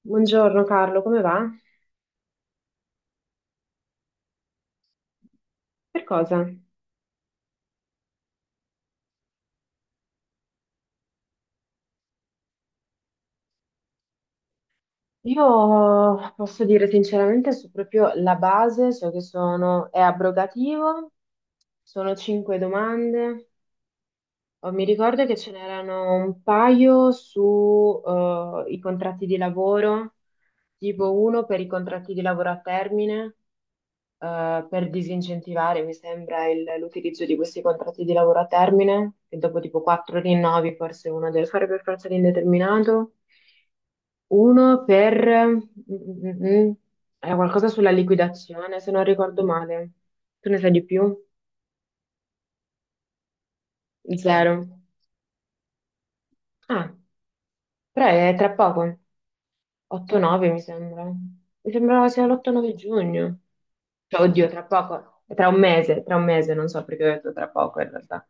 Buongiorno Carlo, come va? Per cosa? Io posso dire sinceramente, su proprio la base, so che sono, è abrogativo, sono cinque domande. Oh, mi ricordo che ce n'erano un paio su i contratti di lavoro, tipo uno per i contratti di lavoro a termine per disincentivare, mi sembra, l'utilizzo di questi contratti di lavoro a termine, che dopo tipo quattro rinnovi forse uno deve fare per forza l'indeterminato, uno per... mm, mm, era qualcosa sulla liquidazione, se non ricordo male. Tu ne sai di più? Zero. Zero. Ah, però è tra poco, 8-9 mi sembra. Mi sembrava sia l'8-9 giugno. Cioè, oddio, tra poco, tra un mese, non so perché ho detto tra poco in realtà.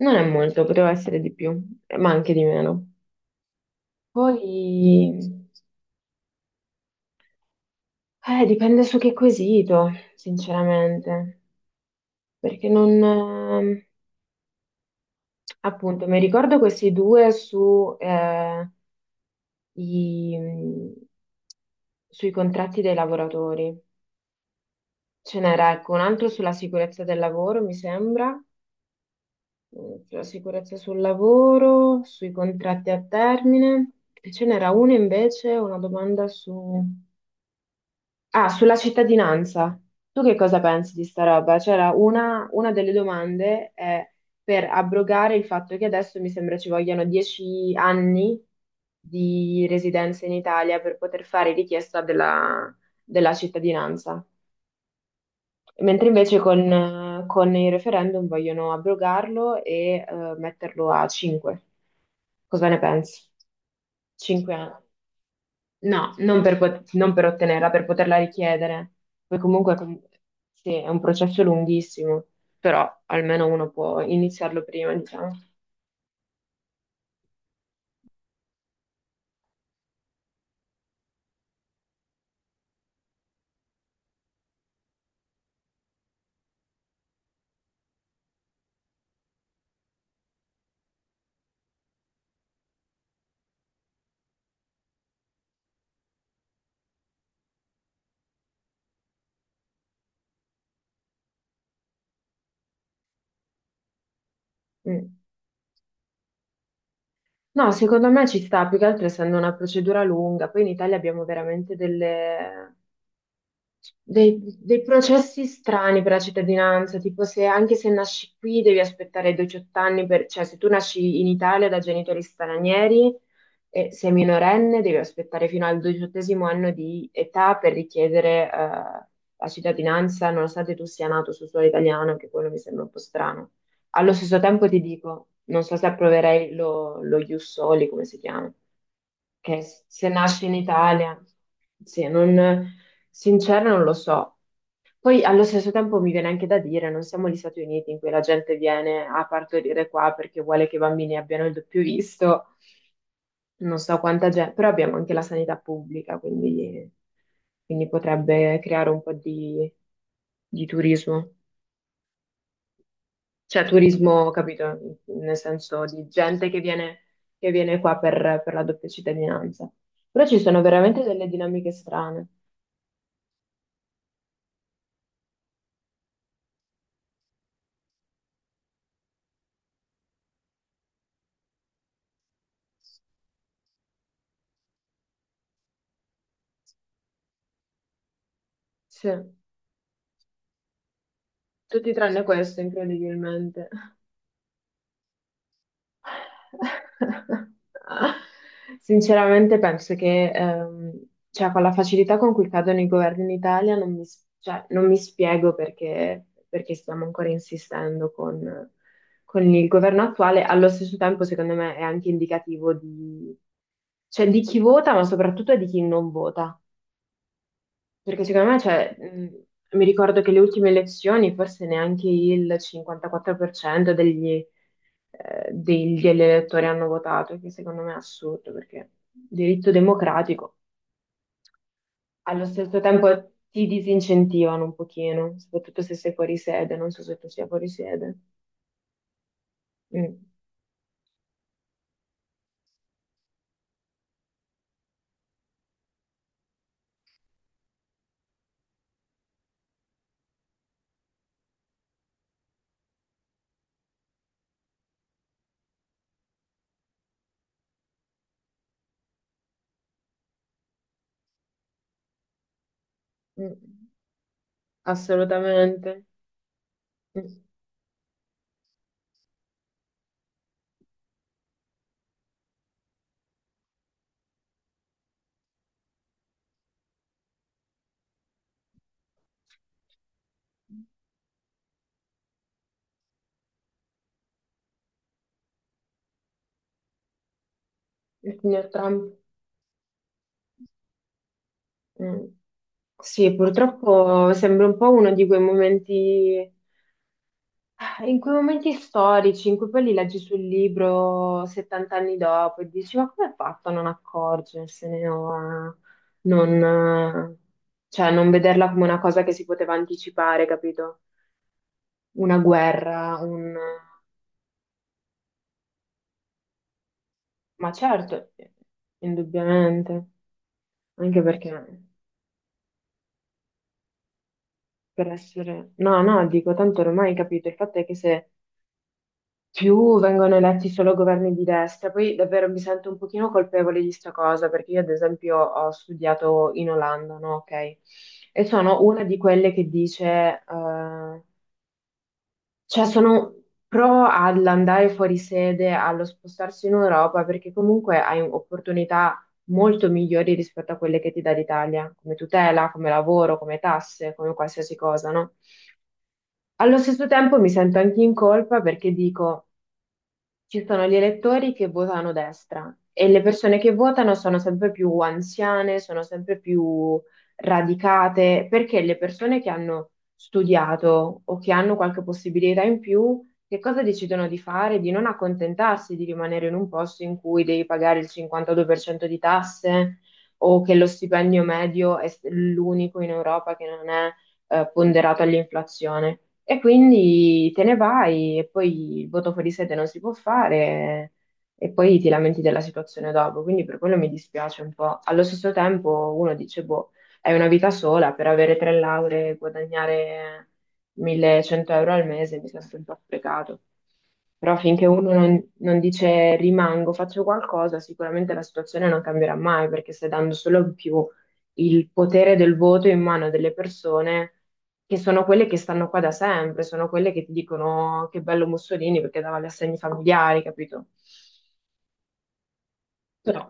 Non è molto, poteva essere di più, ma anche di meno. Poi, dipende su che quesito, sinceramente, perché non... appunto, mi ricordo questi due su, i- mm, sui contratti dei lavoratori. Ce n'era, ecco, un altro sulla sicurezza del lavoro, mi sembra, sulla sicurezza sul lavoro, sui contratti a termine, e ce n'era uno invece, una domanda su... Ah, sulla cittadinanza. Tu che cosa pensi di sta roba? C'era una delle domande è per abrogare il fatto che adesso mi sembra ci vogliano 10 anni di residenza in Italia per poter fare richiesta della cittadinanza. Mentre invece con il referendum vogliono abrogarlo e metterlo a 5. Cosa ne pensi? 5 anni. No, non per, non per ottenerla, per poterla richiedere. Poi comunque sì, è un processo lunghissimo, però almeno uno può iniziarlo prima, diciamo. Mm. No, secondo me ci sta, più che altro essendo una procedura lunga. Poi in Italia abbiamo veramente dei processi strani per la cittadinanza, tipo se anche se nasci qui devi aspettare i 18 anni, per, cioè se tu nasci in Italia da genitori stranieri e sei minorenne devi aspettare fino al 18º anno di età per richiedere la cittadinanza, nonostante tu sia nato su suolo italiano, anche quello mi sembra un po' strano. Allo stesso tempo ti dico, non so se approverei lo ius soli, come si chiama, che se nasci in Italia, sì, non. Sincera, non lo so. Poi allo stesso tempo mi viene anche da dire, non siamo gli Stati Uniti in cui la gente viene a partorire qua perché vuole che i bambini abbiano il doppio visto, non so quanta gente, però abbiamo anche la sanità pubblica, quindi potrebbe creare un po' di turismo. Cioè turismo, capito? Nel senso di gente che viene qua per la doppia cittadinanza. Però ci sono veramente delle dinamiche strane. Sì, tutti tranne questo, incredibilmente. Sinceramente penso che cioè, con la facilità con cui cadono i governi in Italia non mi, cioè, non mi spiego perché stiamo ancora insistendo con il governo attuale. Allo stesso tempo, secondo me, è anche indicativo di, cioè, di chi vota, ma soprattutto di chi non vota. Perché secondo me, cioè, mi ricordo che le ultime elezioni forse neanche il 54% degli elettori hanno votato, che secondo me è assurdo, perché diritto democratico allo stesso tempo ti disincentivano un pochino, soprattutto se sei fuori sede, non so se tu sia fuori sede. Mm, mm, assolutamente. Mm. Il signor Trump. Mm. Sì, purtroppo sembra un po' uno di quei momenti. Ah, in quei momenti storici in cui poi li leggi sul libro 70 anni dopo e dici, ma come ha fatto a non accorgersene o a non, eh, cioè, non vederla come una cosa che si poteva anticipare, capito? Una guerra, un... Ma certo, indubbiamente, anche perché per essere... No, no, dico, tanto ormai capito, il fatto è che se più vengono eletti solo governi di destra. Poi davvero mi sento un pochino colpevole di sta cosa, perché io ad esempio ho studiato in Olanda, no? Ok. E sono una di quelle che dice, eh, cioè sono pro all'andare fuori sede, allo spostarsi in Europa, perché comunque hai opportunità molto migliori rispetto a quelle che ti dà l'Italia, come tutela, come lavoro, come tasse, come qualsiasi cosa, no? Allo stesso tempo mi sento anche in colpa perché dico... Ci sono gli elettori che votano destra e le persone che votano sono sempre più anziane, sono sempre più radicate, perché le persone che hanno studiato o che hanno qualche possibilità in più, che cosa decidono di fare? Di non accontentarsi di rimanere in un posto in cui devi pagare il 52% di tasse o che lo stipendio medio è l'unico in Europa che non è ponderato all'inflazione. E quindi te ne vai e poi il voto fuori sede non si può fare e poi ti lamenti della situazione dopo. Quindi per quello mi dispiace un po'. Allo stesso tempo uno dice, boh, hai una vita sola per avere tre lauree, e guadagnare 1.100 euro al mese, mi sento un po' sprecato. Però finché uno non dice rimango, faccio qualcosa, sicuramente la situazione non cambierà mai, perché stai dando solo in più il potere del voto in mano delle persone che sono quelle che stanno qua da sempre, sono quelle che ti dicono che bello Mussolini perché dava gli assegni familiari, capito? Però,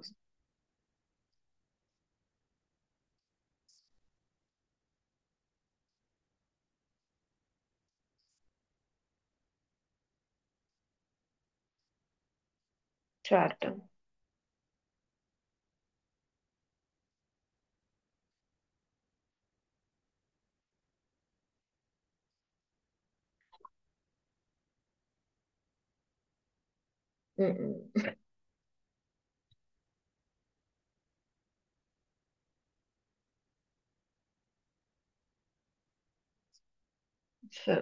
certo. Mm, mm. Sì.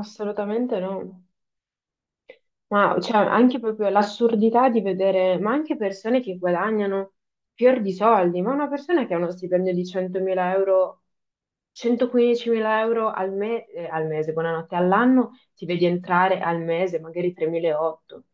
Assolutamente no. Ma cioè, anche proprio l'assurdità di vedere, ma anche persone che guadagnano fior di soldi, ma una persona che ha uno stipendio di 100.000 euro, 115.000 euro al mese, buonanotte, all'anno, ti vedi entrare al mese magari 3.800.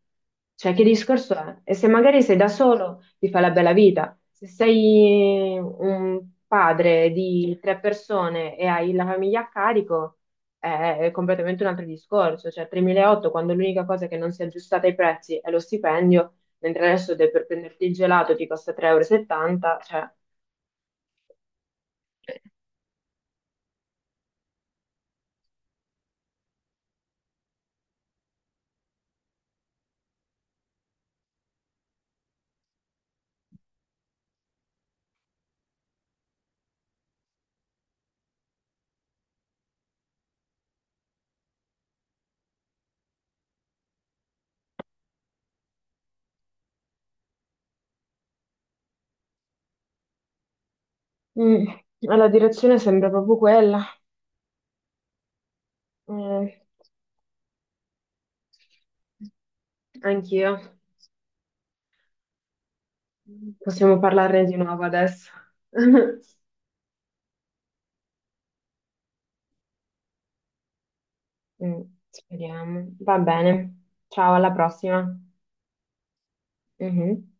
Cioè, che discorso è? E se magari sei da solo, ti fa la bella vita. Se sei un padre di tre persone e hai la famiglia a carico, è completamente un altro discorso. Cioè, 3.800 quando l'unica cosa che non si è aggiustata ai prezzi è lo stipendio, mentre adesso per prenderti il gelato ti costa 3,70 euro. E settanta, cioè, mm, la direzione sembra proprio quella. Mm, anch'io. Possiamo parlarne di nuovo adesso. Mm, speriamo. Va bene. Ciao, alla prossima. Mhm.